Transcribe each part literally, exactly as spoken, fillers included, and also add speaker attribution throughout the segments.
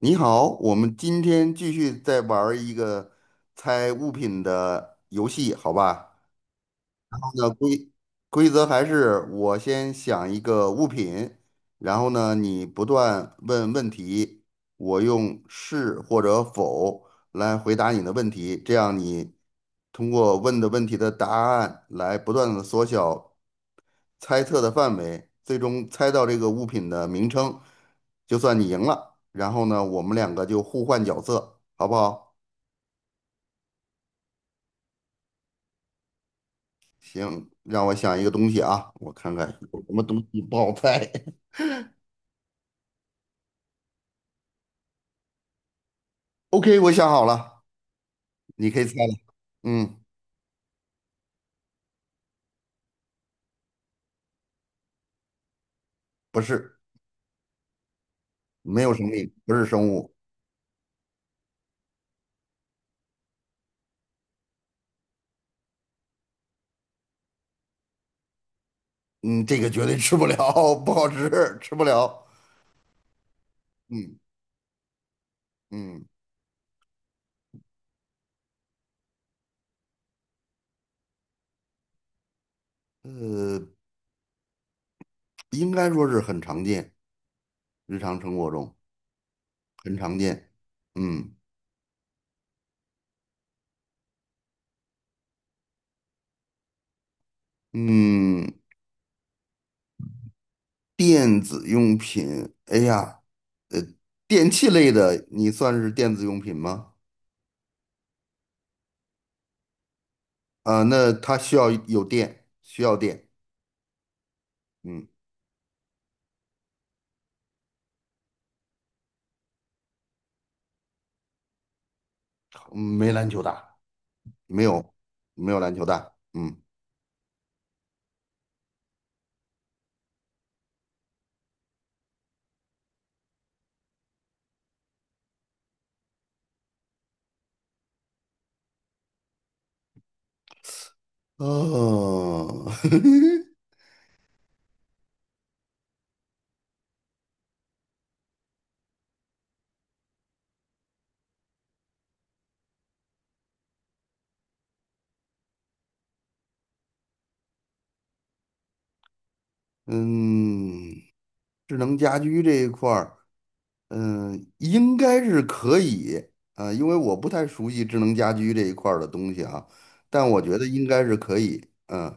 Speaker 1: 你好，我们今天继续再玩儿一个猜物品的游戏，好吧？那规规则还是我先想一个物品，然后呢，你不断问问题，我用是或者否来回答你的问题，这样你通过问的问题的答案来不断的缩小猜测的范围，最终猜到这个物品的名称，就算你赢了。然后呢，我们两个就互换角色，好不好？行，让我想一个东西啊，我看看有什么东西不好猜。OK，我想好了，你可以猜了。嗯，不是，没有生命，不是生物。嗯，这个绝对吃不了，不好吃，吃不了。嗯嗯，呃，应该说是很常见，日常生活中很常见。嗯嗯。电子用品，哎呀，呃，电器类的，你算是电子用品吗？啊、那它需要有电，需要电。嗯，没篮球大，没有，没有篮球大。嗯，哦，嗯，智能家居这一块儿，嗯，应该是可以啊、因为我不太熟悉智能家居这一块儿的东西啊，但我觉得应该是可以。嗯，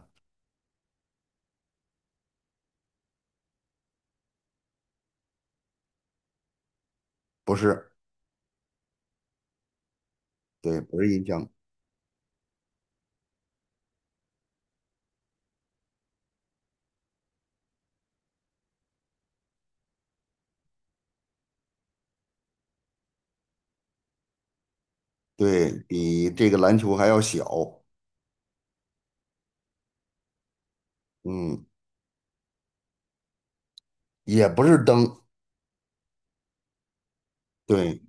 Speaker 1: 不是，对，不是音箱。对，比这个篮球还要小，嗯，也不是灯，对，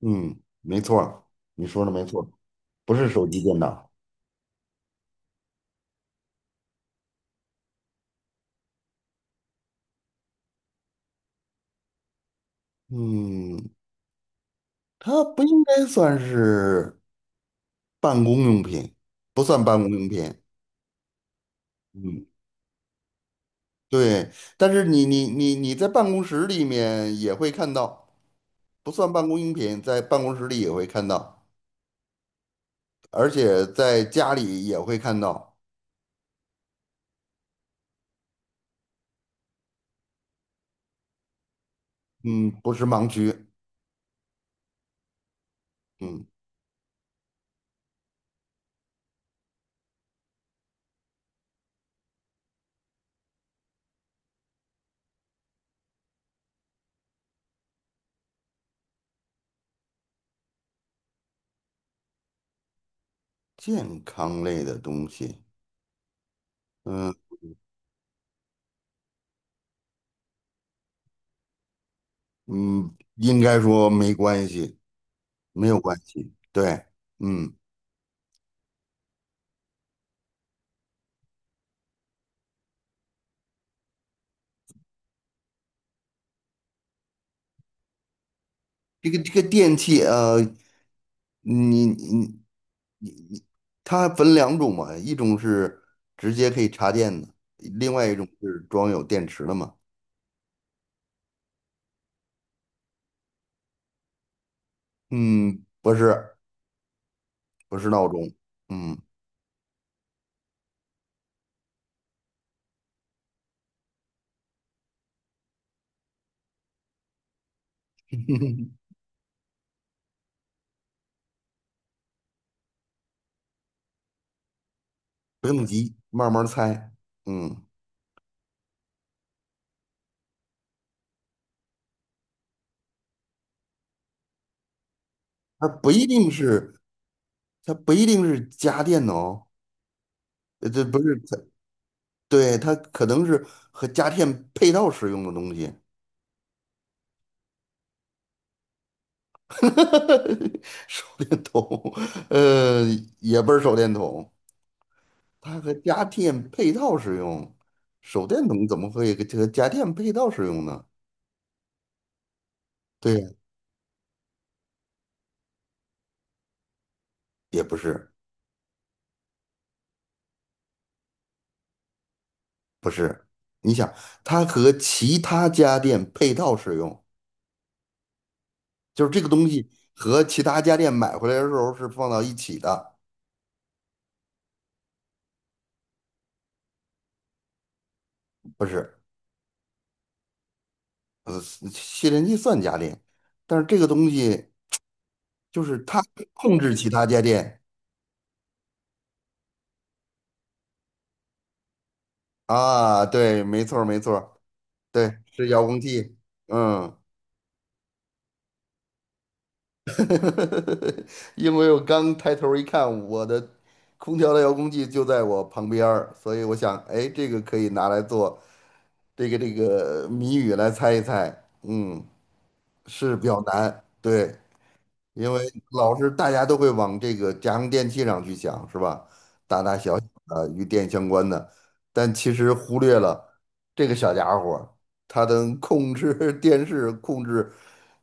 Speaker 1: 嗯，没错儿。你说的没错儿，不是手机电脑，嗯，它不应该算是办公用品，不算办公用品，嗯，对，但是你你你你在办公室里面也会看到，不算办公用品，在办公室里也会看到，而且在家里也会看到，嗯，不是盲区，嗯，健康类的东西。嗯，嗯，应该说没关系，没有关系。对，嗯，这个这个电器，呃，你你它分两种嘛，一种是直接可以插电的，另外一种是装有电池的嘛。嗯，不是，不是闹钟，嗯，不用急，慢慢猜。嗯，它不一定是，它不一定是家电的哦，呃这不是它，对，它可能是和家电配套使用的东西。手电筒，呃，也不是手电筒，它和家电配套使用。手电筒怎么会和和家电配套使用呢？对呀，也不是，不是。你想，它和其他家电配套使用，就是这个东西和其他家电买回来的时候是放到一起的，不是？呃，吸尘器算家电，但是这个东西就是它控制其他家电啊。对，没错儿，没错儿。对，是遥控器。嗯，因为我刚抬头一看，我的空调的遥控器就在我旁边儿，所以我想，哎，这个可以拿来做这个这个谜语来猜一猜。嗯，是比较难。对，因为老是大家都会往这个家用电器上去想，是吧？大大小小的与电相关的，但其实忽略了这个小家伙儿，它能控制 电视、控制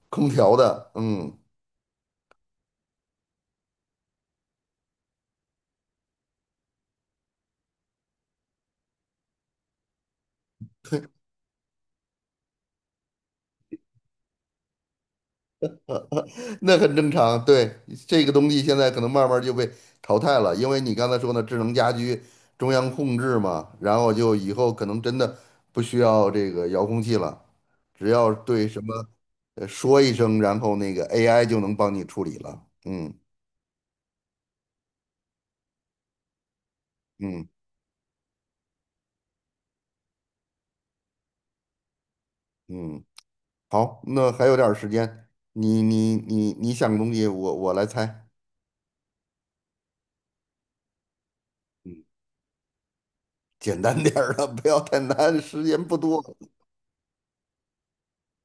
Speaker 1: 空调的，嗯，那很正常，对，这个东西现在可能慢慢就被淘汰了，因为你刚才说的智能家居中央控制嘛，然后就以后可能真的不需要这个遥控器了，只要对什么呃说一声，然后那个 A I 就能帮你处理了。嗯嗯嗯，好，那还有点儿时间，你你你你想东西，我我来猜，简单点儿的，不要太难，时间不多。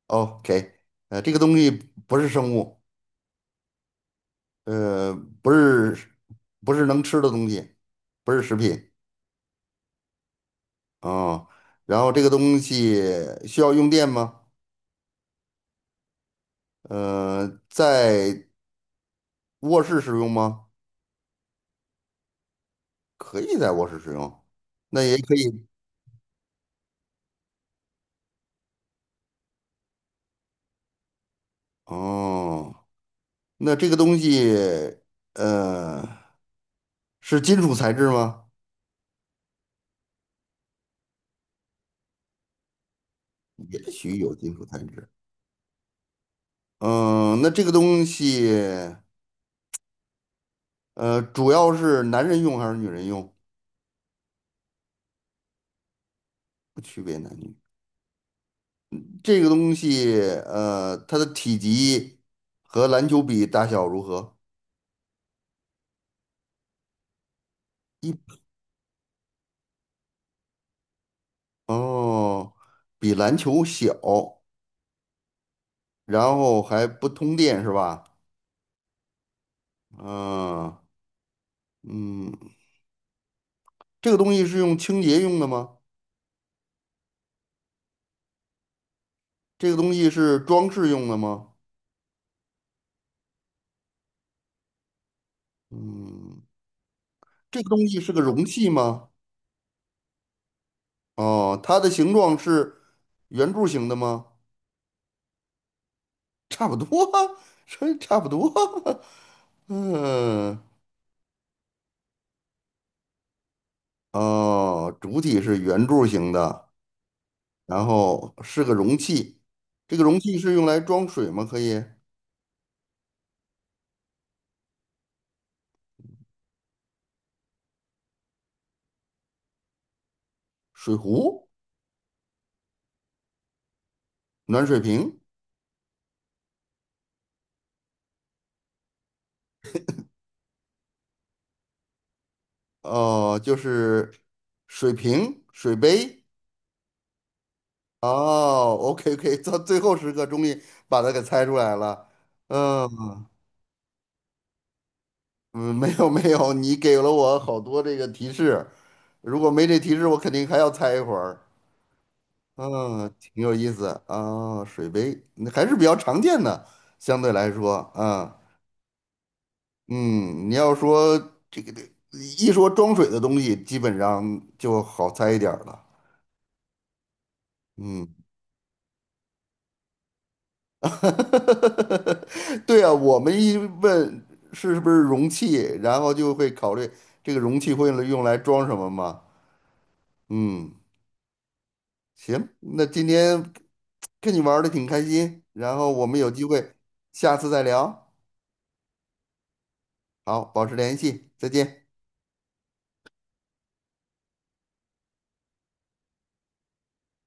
Speaker 1: OK，呃，这个东西不是生物。呃，不是不是能吃的东西，不是食品啊。然后这个东西需要用电吗？呃，在卧室使用吗？可以在卧室使用，那也可以。哦，那这个东西呃是金属材质吗？也许有金属材质。嗯，那这个东西呃主要是男人用还是女人用？不区别男女。这个东西，呃，它的体积和篮球比大小如何？一哦，比篮球小，然后还不通电是吧？嗯嗯，这个东西是用清洁用的吗？这个东西是装饰用的吗？嗯，这个东西是个容器吗？哦，它的形状是圆柱形的吗？差不多啊，这差不多啊 嗯。哦，主体是圆柱形的，然后是个容器，这个容器是用来装水吗？可以，水壶、暖水瓶，哦，就是水瓶、水杯。哦，OK OK，到最后时刻终于把它给猜出来了。嗯嗯，没有没有，你给了我好多这个提示，如果没这提示，我肯定还要猜一会儿。啊，挺有意思啊，水杯那还是比较常见的，相对来说啊，嗯，你要说这个这一说装水的东西，基本上就好猜一点儿了，嗯，对啊，我们一问是不是容器，然后就会考虑这个容器会用来装什么嘛，嗯，行，那今天跟你玩的挺开心，然后我们有机会下次再聊，好，保持联系，再见。